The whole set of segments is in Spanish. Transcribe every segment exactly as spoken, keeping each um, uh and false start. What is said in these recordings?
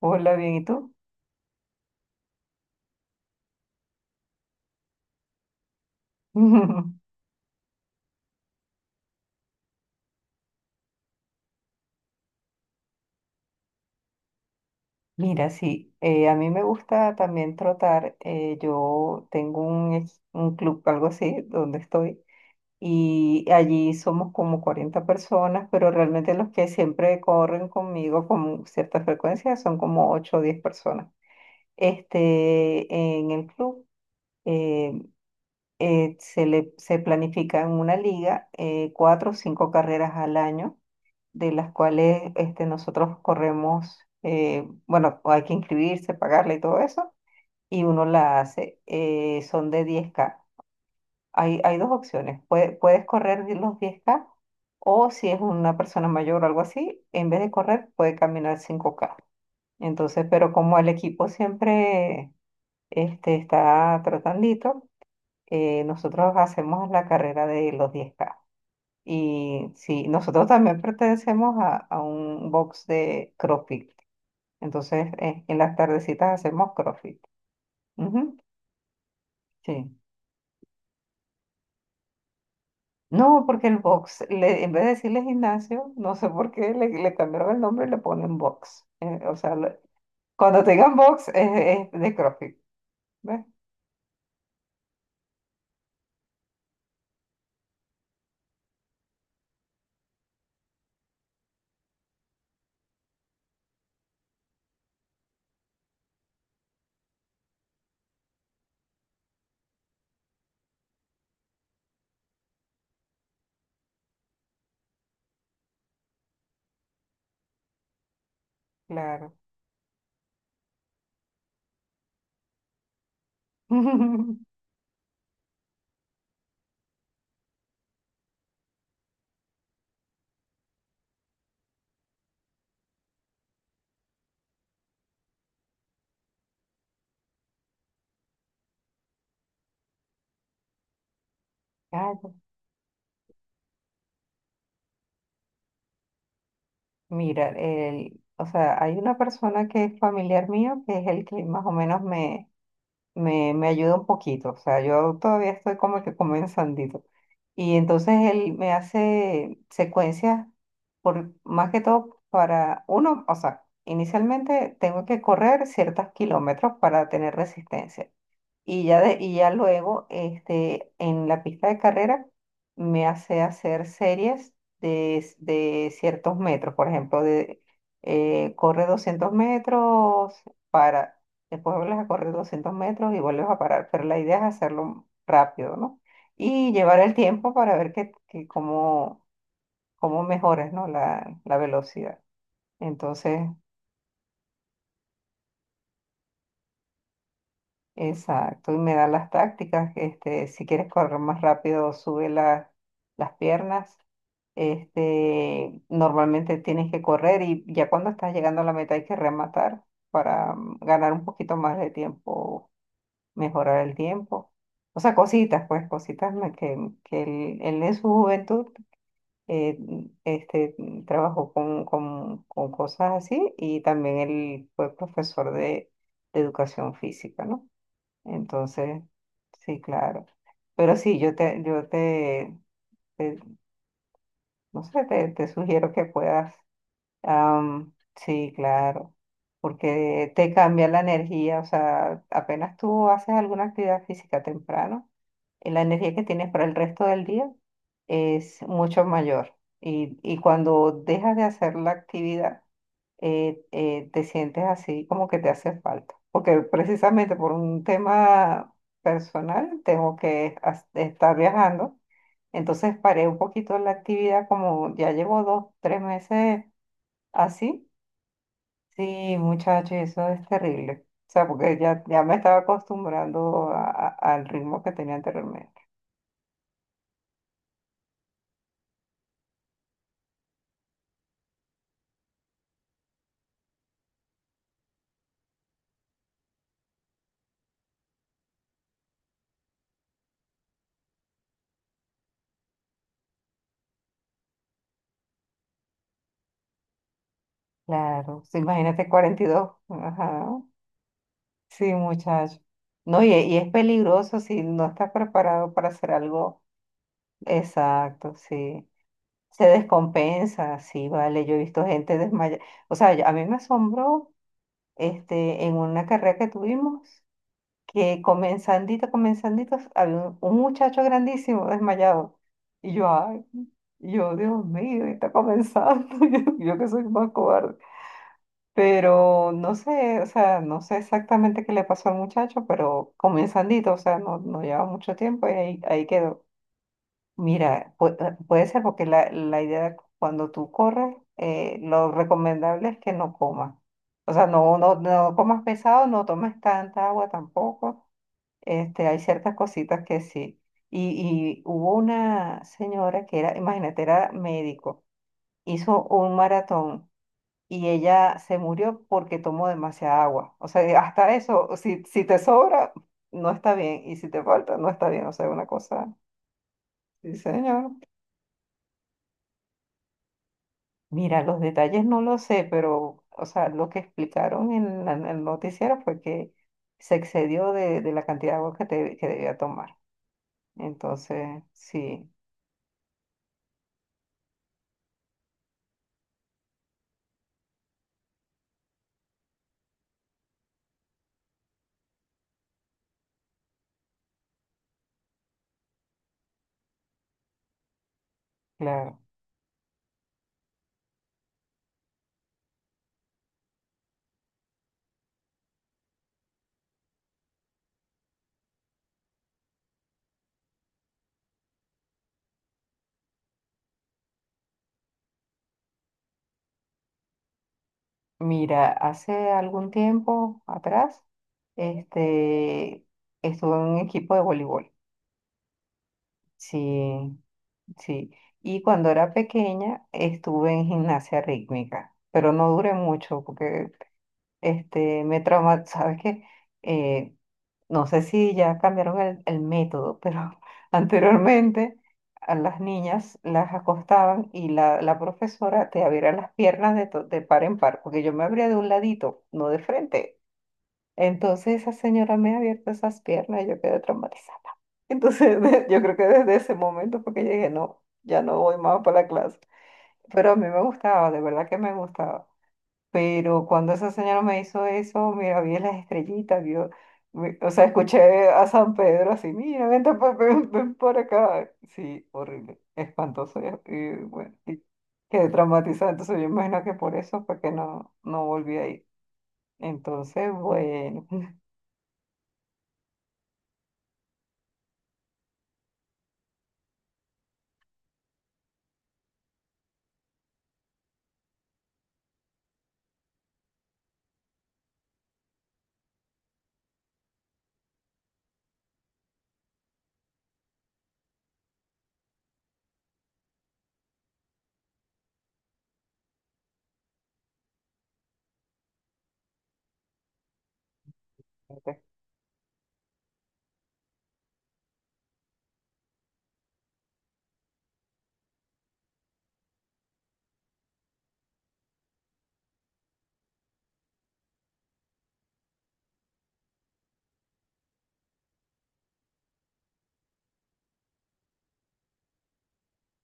Hola, bien, ¿y tú? Mira, sí, eh, a mí me gusta también trotar. Eh, yo tengo un, ex- un club, algo así, donde estoy, y allí somos como cuarenta personas, pero realmente los que siempre corren conmigo con cierta frecuencia son como ocho o diez personas. Este, en el club eh, eh, se le, se planifica en una liga eh, cuatro o cinco carreras al año, de las cuales este, nosotros corremos. Eh, bueno, hay que inscribirse, pagarle y todo eso, y uno la hace. Eh, son de diez k. Hay, hay dos opciones, puede- puedes correr de los diez k, o si es una persona mayor o algo así, en vez de correr puede caminar cinco k. Entonces, pero como el equipo siempre este, está tratandito, eh, nosotros hacemos la carrera de los diez k. Y sí, nosotros también pertenecemos a, a un box de CrossFit. Entonces, eh, en las tardecitas hacemos CrossFit. Ujú, sí. No, porque el box, le- en vez de decirle gimnasio, no sé por qué le, le cambiaron el nombre y le ponen box. Eh, o sea, lo- cuando tengan box es, es de CrossFit. ¿Ves? Claro. Claro. Mira, el, o sea, hay una persona que es familiar mío, que es el que más o menos me me, me ayuda un poquito. O sea, yo todavía estoy como que comenzandito. Y entonces él me hace secuencias, por, más que todo para uno. O sea, inicialmente tengo que correr ciertos kilómetros para tener resistencia. Y ya, de- y ya luego, este, en la pista de carrera, me hace hacer series de, de ciertos metros. Por ejemplo, de, eh, corre doscientos metros, para, después vuelves a correr doscientos metros y vuelves a parar. Pero la idea es hacerlo rápido, ¿no? Y llevar el tiempo para ver que, que cómo, cómo mejoras, ¿no? La, la velocidad. Entonces, exacto, y me da las tácticas, este, si quieres correr más rápido, sube la- las piernas. Este, normalmente tienes que correr y ya cuando estás llegando a la meta hay que rematar para mm, ganar un poquito más de tiempo, mejorar el tiempo. O sea, cositas, pues, cositas me- que, que él, él en su juventud eh, este, trabajó con, con, con cosas así, y también él fue profesor de de educación física, ¿no? Entonces, sí, claro. Pero sí, yo te, yo te, te- no sé, te, te sugiero que puedas. Am, sí, claro. Porque te cambia la energía. O sea, apenas tú haces alguna actividad física temprano, eh, la energía que tienes para el resto del día es mucho mayor. Y, y cuando dejas de hacer la actividad, eh, eh, te sientes así como que te hace falta. Porque precisamente por un tema personal tengo que as- estar viajando. Entonces paré un poquito la actividad, como ya llevo dos, tres meses así. Sí, muchachos, eso es terrible. O sea, porque ya, ya me estaba acostumbrando a- a- al ritmo que tenía anteriormente. Claro, sí, imagínate cuarenta y dos. Ajá. Sí, muchacho. No, y, y es peligroso si no estás preparado para hacer algo. Exacto, sí. Se descompensa, sí, vale. Yo he visto gente desmayada. O sea, yo- a mí me asombró, este, en una carrera que tuvimos, que comenzandito, comenzandito, había un, un muchacho grandísimo desmayado. Y yo, ay, y yo, Dios mío, está comenzando. Yo, yo que soy más cobarde. Pero no sé, o sea, no sé exactamente qué le pasó al muchacho, pero comenzandito, o sea, no, no lleva mucho tiempo y ahí, ahí quedó. Mira, pu- eh, puede ser porque la, la idea cuando tú corres, eh, lo recomendable es que no comas. O sea, no, no, no comas pesado, no tomes tanta agua tampoco. Este, hay ciertas cositas que sí. Y, y hubo una señora que era, imagínate, era médico, hizo un maratón y ella se murió porque tomó demasiada agua. O sea, eh, hasta eso, si, si te sobra, no está bien, y si te falta, no está bien. O sea, una cosa, sí, señor. Mira, los detalles no lo sé, pero, o sea, lo que explicaron en la- en el noticiero fue que se excedió de, de la cantidad de agua que, te- que debía tomar. Entonces, sí, claro. Mira, hace algún tiempo atrás, este, estuve en un equipo de voleibol. Sí, sí, y cuando era pequeña estuve en gimnasia rítmica, pero no duré mucho porque este, me trauma, sabes que no sé si ya cambiaron el, el método, pero anteriormente a las niñas las acostaban y la, la profesora te abría las piernas de, to- de par en par, porque yo me abría de un ladito, no de frente. Entonces esa señora me ha abierto esas piernas y yo quedé traumatizada. Entonces, yo creo que desde ese momento porque llegué, no, ya no voy más para la clase. Pero a mí me gustaba, de verdad que me gustaba. Pero cuando esa señora me hizo eso, mira, vi las estrellitas, vio, vi- o sea, escuché a San Pedro así, mira, vente pa- ven, ven por acá. Sí, horrible, espantoso. Y, y bueno, y quedé traumatizada. Entonces, yo imagino que por eso fue que no, no volví a ir. Entonces, bueno,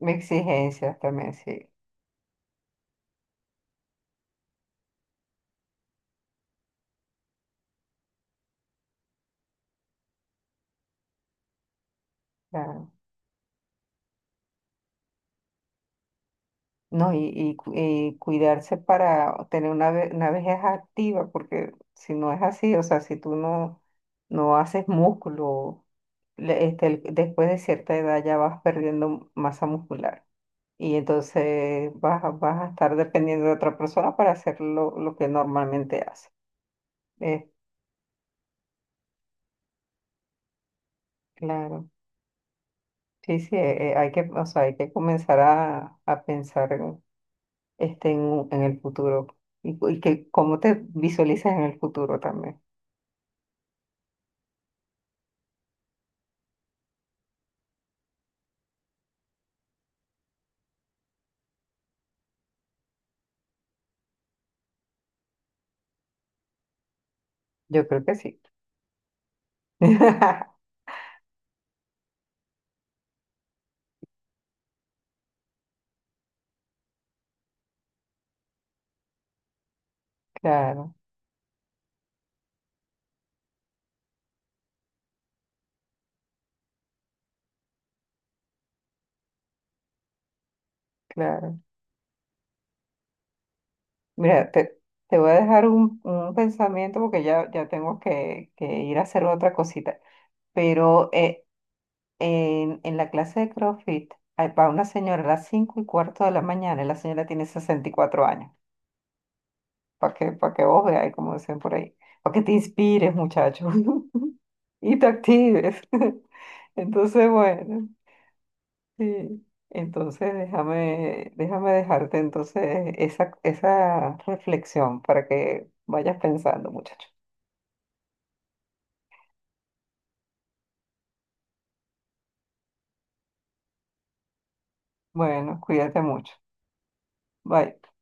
mis exigencias también, sí. No, y, y cu- y cuidarse para tener una, ve- una vejez activa, porque si no es así, o sea, si tú no, no haces músculo, le- este, el- después de cierta edad ya vas perdiendo masa muscular. Y entonces vas, a- vas a estar dependiendo de otra persona para hacer lo, lo que normalmente hace. Eh, claro. Sí, sí, eh, eh, hay que, o sea, hay que comenzar a, a pensar en- este, en, en el futuro, y, cu- y que cómo te visualizas en el futuro también. Yo creo que sí. Claro, claro. Mira, te, te voy a dejar un, un pensamiento porque ya, ya tengo que, que ir a hacer otra cosita. Pero eh, en, en la clase de CrossFit, hay- va una señora a las cinco y cuarto de la mañana y la señora tiene sesenta y cuatro años. Para que, para que vos veas, como dicen por ahí. Para que te inspires, muchacho. Y te actives. Entonces, bueno. Sí. Entonces, déjame, déjame dejarte entonces esa, esa reflexión para que vayas pensando, muchacho. Bueno, cuídate mucho. Bye.